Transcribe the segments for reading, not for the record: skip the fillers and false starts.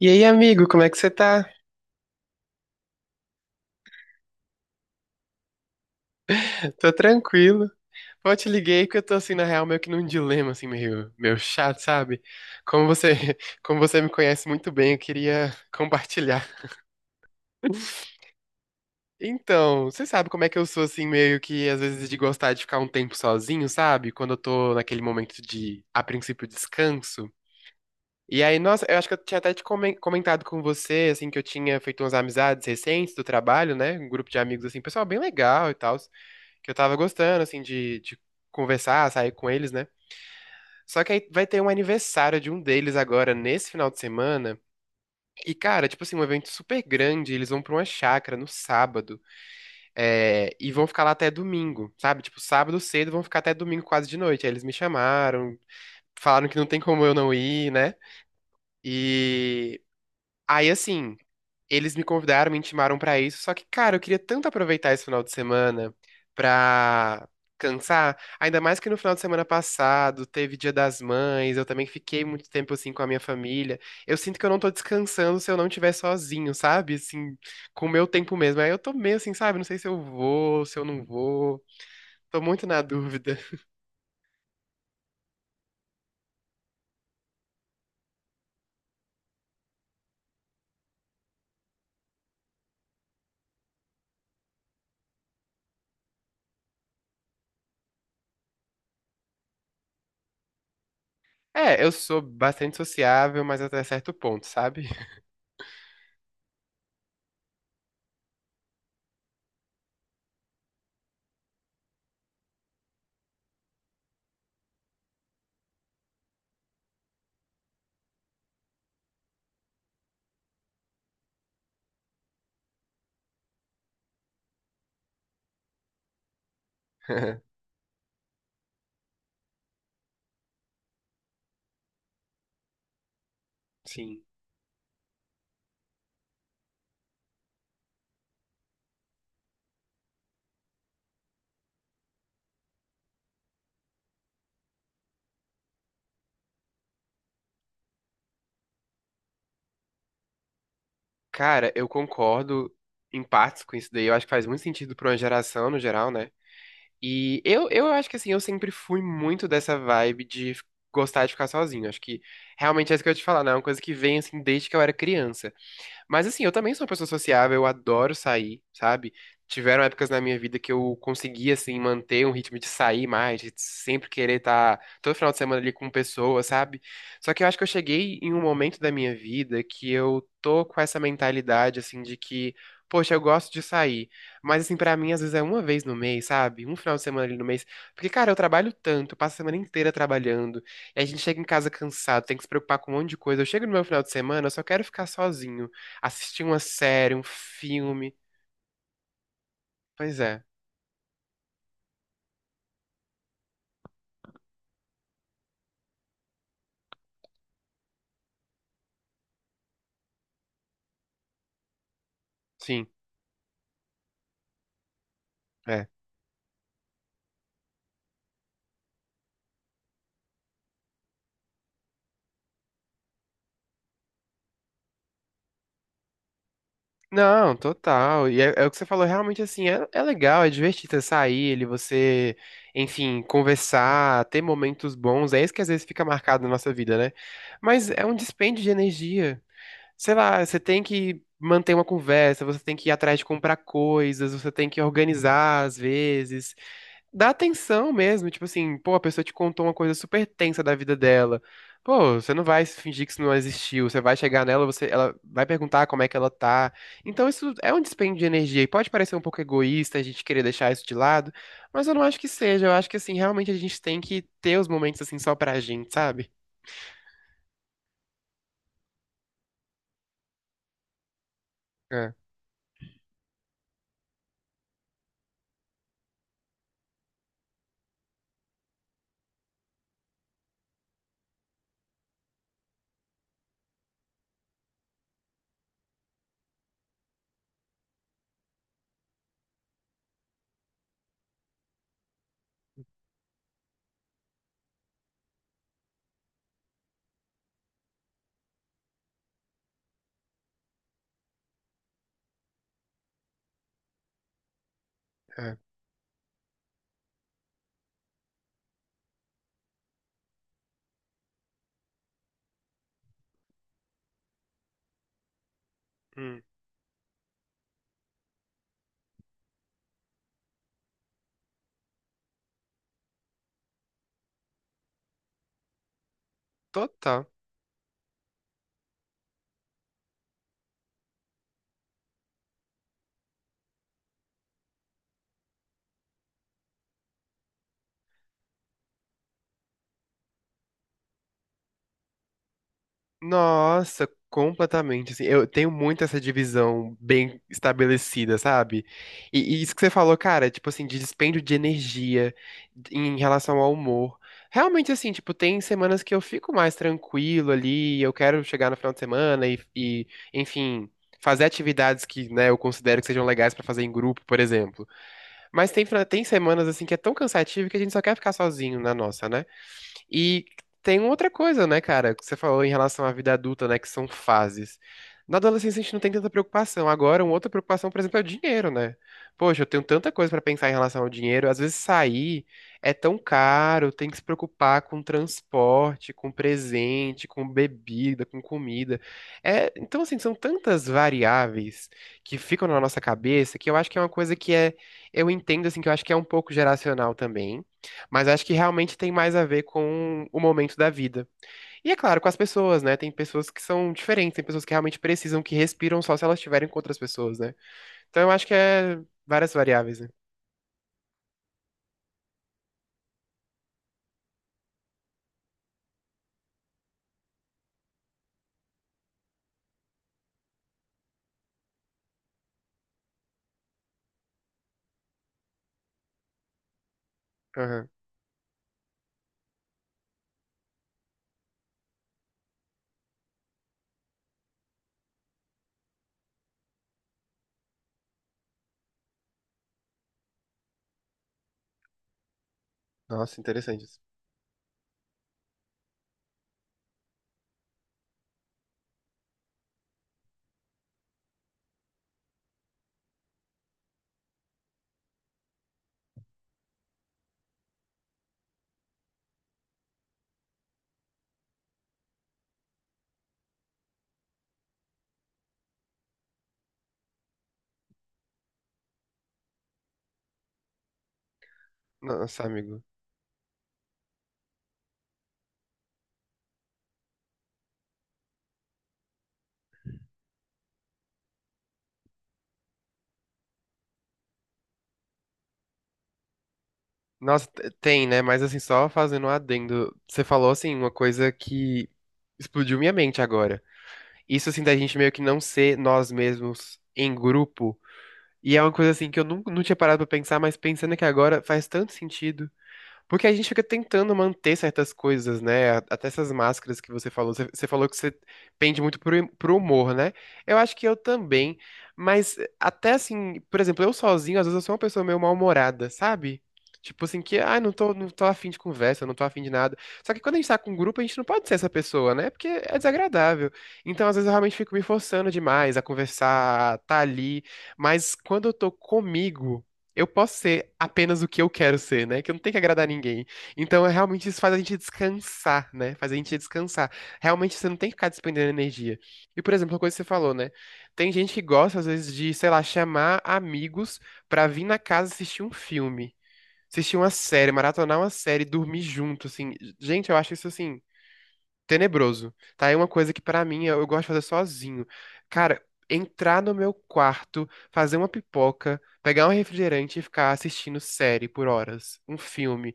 E aí, amigo, como é que você tá? Tô tranquilo. Pô, te liguei porque eu tô assim, na real, meio que num dilema, assim, meio chato, sabe? Como você, como você me conhece muito bem, eu queria compartilhar. Então, você sabe como é que eu sou, assim, meio que às vezes de gostar de ficar um tempo sozinho, sabe? Quando eu tô naquele momento de, a princípio, descanso. E aí, nossa, eu acho que eu tinha até te comentado com você, assim, que eu tinha feito umas amizades recentes do trabalho, né? Um grupo de amigos, assim, pessoal bem legal e tal. Que eu tava gostando, assim, de conversar, sair com eles, né? Só que aí vai ter um aniversário de um deles agora, nesse final de semana. E, cara, tipo assim, um evento super grande. Eles vão pra uma chácara no sábado. É, e vão ficar lá até domingo, sabe? Tipo, sábado cedo vão ficar até domingo quase de noite. Aí eles me chamaram, falaram que não tem como eu não ir, né? E. Aí, assim, eles me convidaram, me intimaram pra isso, só que, cara, eu queria tanto aproveitar esse final de semana pra cansar, ainda mais que no final de semana passado teve Dia das Mães, eu também fiquei muito tempo assim com a minha família. Eu sinto que eu não tô descansando se eu não estiver sozinho, sabe? Assim, com o meu tempo mesmo. Aí eu tô meio assim, sabe? Não sei se eu vou, se eu não vou. Tô muito na dúvida. É, eu sou bastante sociável, mas até certo ponto, sabe? Sim. Cara, eu concordo em partes com isso daí. Eu acho que faz muito sentido pra uma geração no geral, né? E eu acho que assim, eu sempre fui muito dessa vibe de gostar de ficar sozinho. Acho que realmente é isso que eu ia te falar, né? É uma coisa que vem assim desde que eu era criança. Mas assim, eu também sou uma pessoa sociável, eu adoro sair, sabe? Tiveram épocas na minha vida que eu conseguia assim, manter um ritmo de sair mais, de sempre querer estar todo final de semana ali com pessoas, sabe? Só que eu acho que eu cheguei em um momento da minha vida que eu tô com essa mentalidade, assim, de que, poxa, eu gosto de sair, mas, assim, pra mim, às vezes é uma vez no mês, sabe? Um final de semana ali no mês. Porque, cara, eu trabalho tanto, eu passo a semana inteira trabalhando, e a gente chega em casa cansado, tem que se preocupar com um monte de coisa. Eu chego no meu final de semana, eu só quero ficar sozinho. Assistir uma série, um filme. Pois é, sim, é. Não, total. E é o que você falou, realmente assim, é legal, é divertido você sair, ele, você, enfim, conversar, ter momentos bons. É isso que às vezes fica marcado na nossa vida, né? Mas é um dispêndio de energia. Sei lá, você tem que manter uma conversa, você tem que ir atrás de comprar coisas, você tem que organizar às vezes. Dá atenção mesmo, tipo assim, pô, a pessoa te contou uma coisa super tensa da vida dela. Pô, você não vai fingir que isso não existiu, você vai chegar nela, você, ela vai perguntar como é que ela tá. Então isso é um dispêndio de energia e pode parecer um pouco egoísta a gente querer deixar isso de lado, mas eu não acho que seja. Eu acho que assim, realmente a gente tem que ter os momentos assim só pra gente, sabe? É, é. Hum, total. Nossa, completamente. Assim, eu tenho muito essa divisão bem estabelecida, sabe? E isso que você falou, cara, tipo assim, de dispêndio de energia em relação ao humor. Realmente, assim, tipo, tem semanas que eu fico mais tranquilo ali, eu quero chegar no final de semana e enfim, fazer atividades que, né, eu considero que sejam legais pra fazer em grupo, por exemplo. Mas tem, tem semanas, assim, que é tão cansativo que a gente só quer ficar sozinho na nossa, né? E tem outra coisa, né, cara, que você falou em relação à vida adulta, né, que são fases. Na adolescência a gente não tem tanta preocupação. Agora, uma outra preocupação, por exemplo, é o dinheiro, né? Poxa, eu tenho tanta coisa pra pensar em relação ao dinheiro. Às vezes sair é tão caro, tem que se preocupar com transporte, com presente, com bebida, com comida. É, então, assim, são tantas variáveis que ficam na nossa cabeça que eu acho que é uma coisa que é, eu entendo assim que eu acho que é um pouco geracional também, mas acho que realmente tem mais a ver com o momento da vida. E é claro, com as pessoas, né? Tem pessoas que são diferentes, tem pessoas que realmente precisam, que respiram só se elas estiverem com outras pessoas, né? Então eu acho que é várias variáveis, né? Aham. Nossa, interessante isso. Nossa, amigo. Nossa, tem, né? Mas assim, só fazendo um adendo, você falou assim uma coisa que explodiu minha mente agora. Isso assim da gente meio que não ser nós mesmos em grupo. E é uma coisa assim que eu nunca não tinha parado pra pensar, mas pensando que agora faz tanto sentido. Porque a gente fica tentando manter certas coisas, né? Até essas máscaras que você falou. Você falou que você pende muito pro humor, né? Eu acho que eu também. Mas até assim, por exemplo, eu sozinho, às vezes eu sou uma pessoa meio mal-humorada, sabe? Tipo assim, que, ah, não tô, afim de conversa, não tô afim de nada. Só que quando a gente tá com um grupo, a gente não pode ser essa pessoa, né? Porque é desagradável. Então, às vezes, eu realmente fico me forçando demais a conversar, a tá ali. Mas quando eu tô comigo eu posso ser apenas o que eu quero ser, né? Que eu não tenho que agradar ninguém. Então, é, realmente, isso faz a gente descansar, né? Faz a gente descansar. Realmente, você não tem que ficar despendendo energia. E, por exemplo, uma coisa que você falou, né? Tem gente que gosta, às vezes, de, sei lá, chamar amigos pra vir na casa assistir um filme, assistir uma série, maratonar uma série, dormir junto, assim. Gente, eu acho isso, assim, tenebroso. Tá? É uma coisa que pra mim eu gosto de fazer sozinho. Cara, entrar no meu quarto, fazer uma pipoca, pegar um refrigerante e ficar assistindo série por horas, um filme,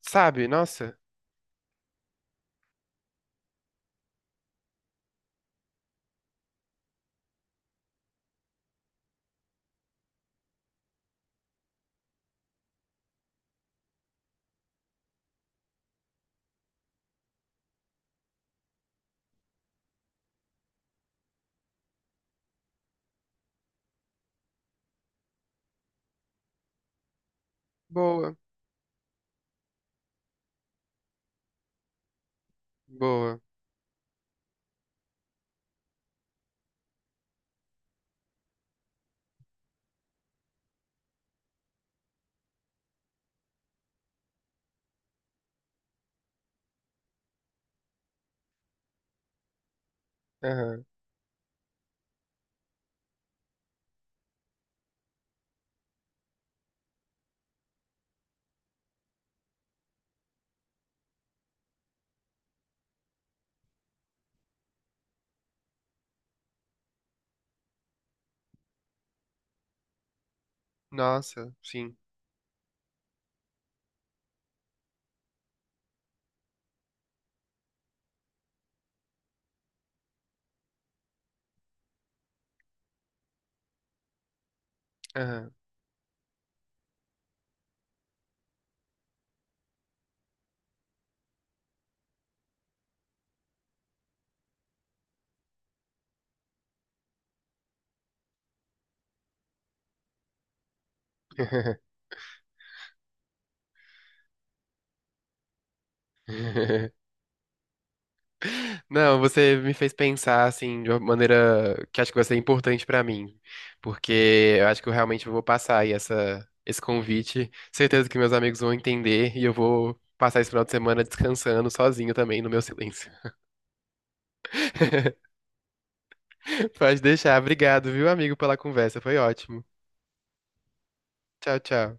sabe? Nossa, boa, boa. Aham. Nossa, sim. Aham. Não, você me fez pensar assim de uma maneira que acho que vai ser importante pra mim, porque eu acho que eu realmente vou passar aí essa esse convite. Certeza que meus amigos vão entender e eu vou passar esse final de semana descansando sozinho também no meu silêncio. Pode deixar. Obrigado, viu, amigo, pela conversa. Foi ótimo. Tchau, tchau.